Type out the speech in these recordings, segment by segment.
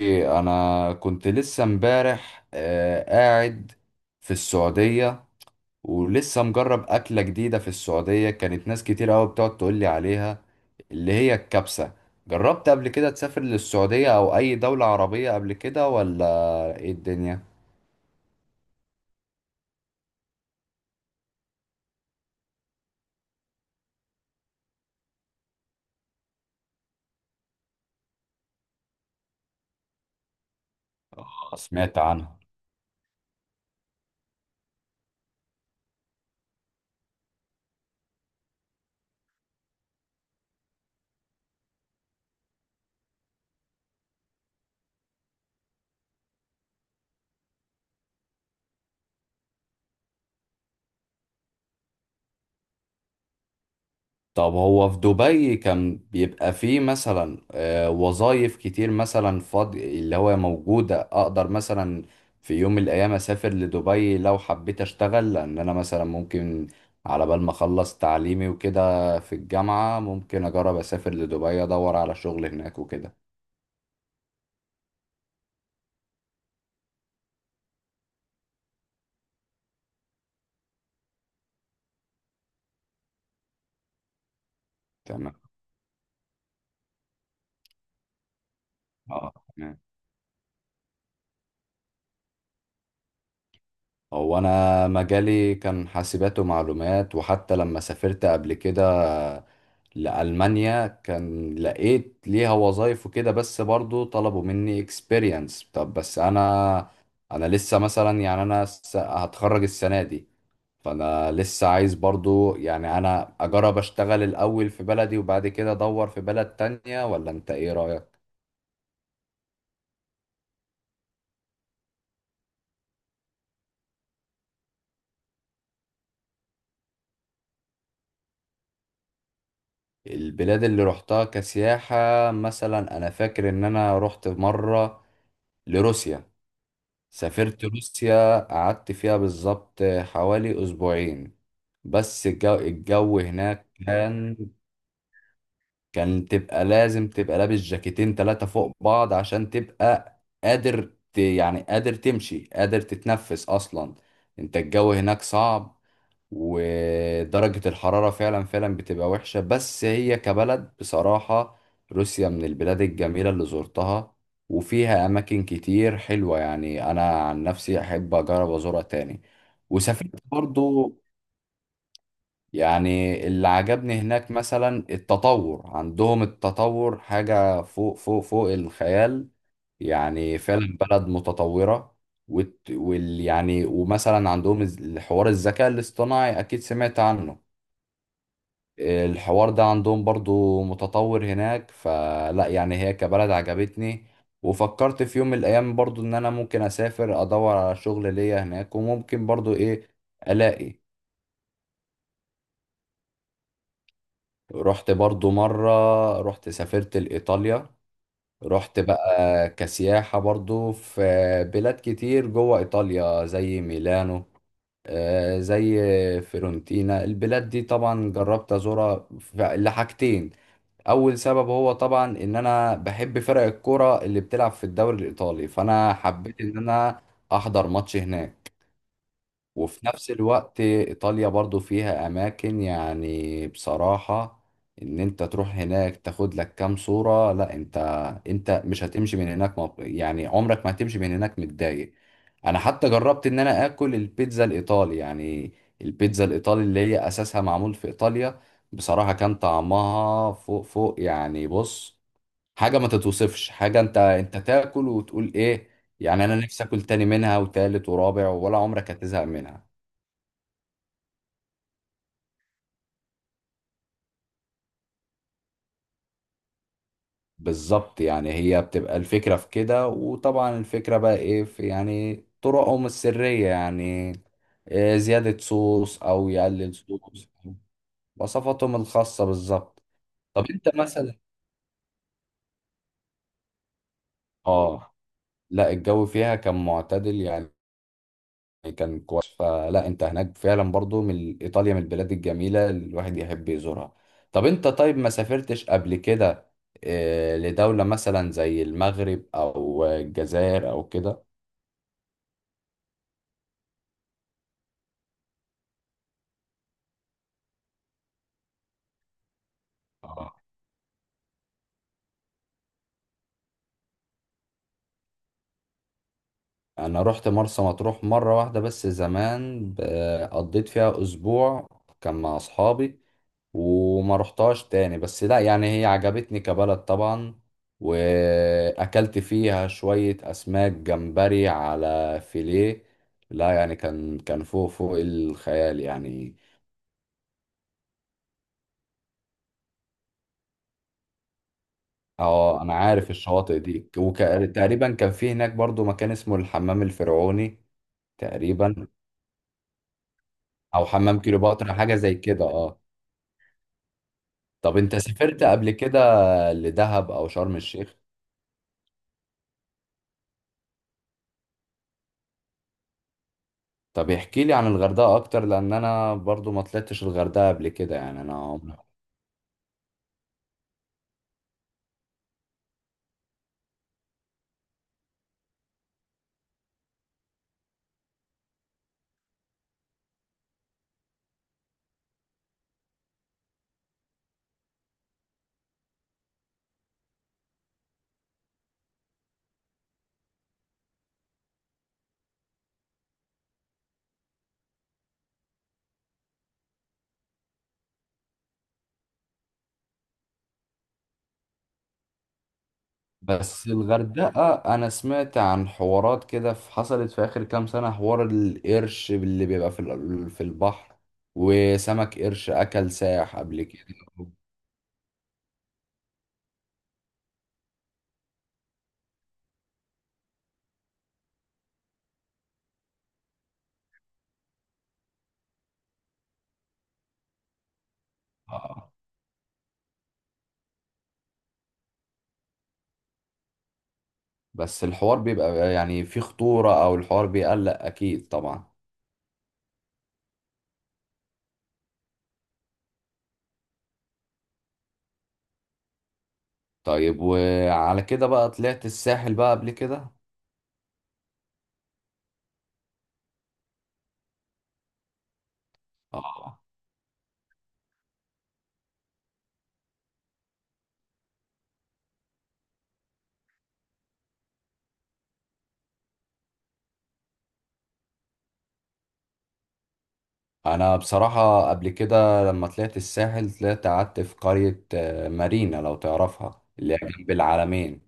إيه، انا كنت لسه امبارح قاعد في السعودية. ولسه مجرب اكلة جديدة في السعودية، كانت ناس كتير قوي بتقعد تقول لي عليها، اللي هي الكبسة. جربت قبل كده تسافر للسعودية او اي دولة عربية قبل كده ولا ايه الدنيا؟ سمعت عنها. طب هو في دبي كان بيبقى فيه مثلا وظائف كتير مثلا فاضي اللي هو موجودة، أقدر مثلا في يوم من الأيام أسافر لدبي لو حبيت أشتغل، لأن أنا مثلا ممكن على بال ما أخلص تعليمي وكده في الجامعة ممكن أجرب أسافر لدبي أدور على شغل هناك وكده. تمام. اه تمام. هو أنا مجالي كان حاسبات ومعلومات، وحتى لما سافرت قبل كده لألمانيا كان لقيت ليها وظايف وكده، بس برضو طلبوا مني experience. طب بس أنا لسه مثلا، يعني أنا هتخرج السنة دي. فأنا لسه عايز برضو، يعني أنا أجرب أشتغل الأول في بلدي وبعد كده أدور في بلد تانية، ولا أنت إيه رأيك؟ البلاد اللي روحتها كسياحة، مثلا أنا فاكر إن أنا روحت مرة لروسيا. سافرت روسيا، قعدت فيها بالظبط حوالي أسبوعين. بس الجو هناك كان تبقى لازم تبقى لابس جاكيتين تلاتة فوق بعض عشان تبقى قادر يعني قادر تمشي قادر تتنفس أصلا. انت الجو هناك صعب، ودرجة الحرارة فعلا فعلا بتبقى وحشة. بس هي كبلد، بصراحة روسيا من البلاد الجميلة اللي زرتها، وفيها أماكن كتير حلوة. يعني أنا عن نفسي أحب أجرب أزورها تاني. وسافرت برضو. يعني اللي عجبني هناك مثلا التطور عندهم، التطور حاجة فوق فوق فوق الخيال، يعني فعلا بلد متطورة. وت- وال يعني ومثلا عندهم الحوار الذكاء الاصطناعي، أكيد سمعت عنه. الحوار ده عندهم برضو متطور هناك، فلا يعني هي كبلد عجبتني. وفكرت في يوم من الايام برضو ان انا ممكن اسافر ادور على شغل ليا هناك، وممكن برضو ايه، الاقي. رحت برضو مرة، رحت سافرت لإيطاليا. رحت بقى كسياحة برضو في بلاد كتير جوه إيطاليا، زي ميلانو، زي فيرونتينا. البلاد دي طبعا جربت أزورها لحاجتين. اول سبب هو طبعا ان انا بحب فرق الكوره اللي بتلعب في الدوري الايطالي، فانا حبيت ان انا احضر ماتش هناك. وفي نفس الوقت إيطاليا برضو فيها أماكن، يعني بصراحة، إن أنت تروح هناك تاخد لك كام صورة. لا أنت مش هتمشي من هناك، يعني عمرك ما هتمشي من هناك متضايق. أنا حتى جربت إن أنا آكل البيتزا الإيطالي، يعني البيتزا الإيطالي اللي هي أساسها معمول في إيطاليا. بصراحة كان طعمها فوق فوق، يعني بص، حاجة ما تتوصفش. حاجة أنت تاكل وتقول إيه. يعني أنا نفسي آكل تاني منها وتالت ورابع، ولا عمرك هتزهق منها. بالظبط، يعني هي بتبقى الفكرة في كده، وطبعا الفكرة بقى ايه في، يعني طرقهم السرية، يعني إيه، زيادة صوص او يقلل صوص. وصفاتهم الخاصة بالظبط. طب انت مثلا، اه، لا الجو فيها كان معتدل، يعني كان كويس. فلا انت هناك فعلا برضو، من ايطاليا من البلاد الجميلة اللي الواحد يحب يزورها. طب انت طيب ما سافرتش قبل كده إيه لدولة مثلا زي المغرب او الجزائر او كده؟ انا رحت مرسى مطروح مره واحده بس زمان، قضيت فيها اسبوع، كان مع اصحابي. وما رحتهاش تاني، بس لا يعني هي عجبتني كبلد طبعا، واكلت فيها شويه اسماك جمبري على فيليه. لا يعني كان فوق فوق الخيال يعني. اه انا عارف الشواطئ دي، وتقريبا كان في هناك برضو مكان اسمه الحمام الفرعوني تقريبا، او حمام كليوباترا، حاجه زي كده، اه. طب انت سافرت قبل كده لدهب او شرم الشيخ؟ طب احكي لي عن الغردقة اكتر، لان انا برضو ما طلعتش الغردقة قبل كده، يعني انا عمري. بس الغردقة، انا سمعت عن حوارات كده حصلت في اخر كام سنة، حوار القرش اللي بيبقى في البحر، وسمك قرش اكل ساح قبل كده. آه. بس الحوار بيبقى يعني فيه خطورة، او الحوار بيقلق، اكيد طبعا. طيب وعلى كده بقى طلعت الساحل بقى قبل كده؟ اه. انا بصراحة قبل كده لما طلعت الساحل، طلعت قعدت في قرية مارينا، لو تعرفها، اللي هي جنب العلمين.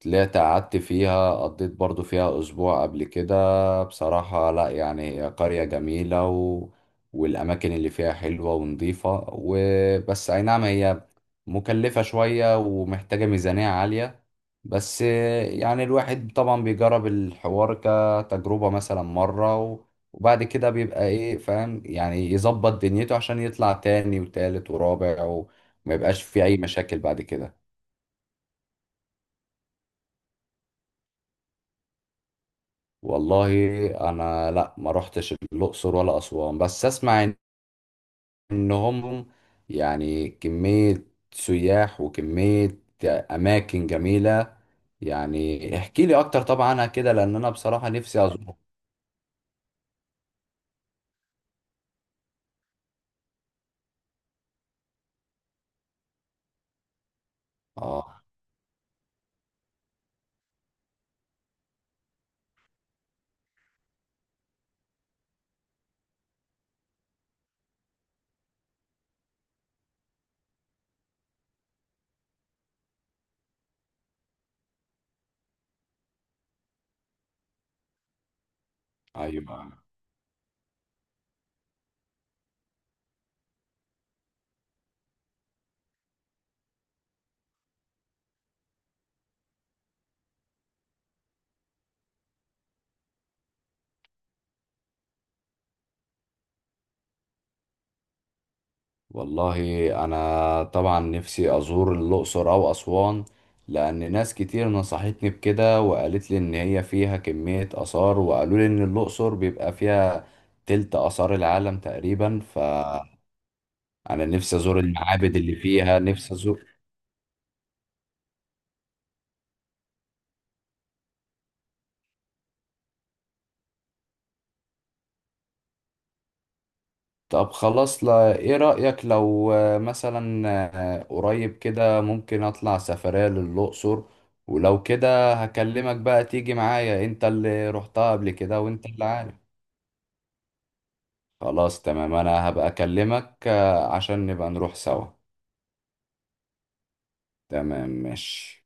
طلعت قعدت فيها، قضيت برضو فيها أسبوع قبل كده. بصراحة لا، يعني هي قرية جميلة والأماكن اللي فيها حلوة ونظيفة. وبس أي نعم، هي مكلفة شوية ومحتاجة ميزانية عالية. بس يعني الواحد طبعا بيجرب الحوار كتجربة مثلا مرة، وبعد كده بيبقى إيه، فاهم، يعني يظبط دنيته عشان يطلع تاني وتالت ورابع وما يبقاش في أي مشاكل بعد كده. والله انا لا، ما روحتش الاقصر ولا اسوان، بس اسمع ان هم، يعني كمية سياح وكمية اماكن جميلة. يعني احكي لي اكتر طبعا عنها كده، لان انا بصراحة نفسي ازور. اه. ايوه. والله انا طبعا نفسي ازور الاقصر او اسوان، لان ناس كتير نصحتني بكده، وقالت لي ان هي فيها كمية اثار، وقالوا لي ان الاقصر بيبقى فيها تلت اثار العالم تقريبا، فانا نفسي ازور المعابد اللي فيها، نفسي ازور. طب خلاص، لا ايه رأيك لو مثلا قريب كده ممكن اطلع سفرية للاقصر؟ ولو كده هكلمك بقى تيجي معايا، انت اللي رحتها قبل كده وانت اللي عارف. خلاص تمام، انا هبقى اكلمك عشان نبقى نروح سوا. تمام ماشي.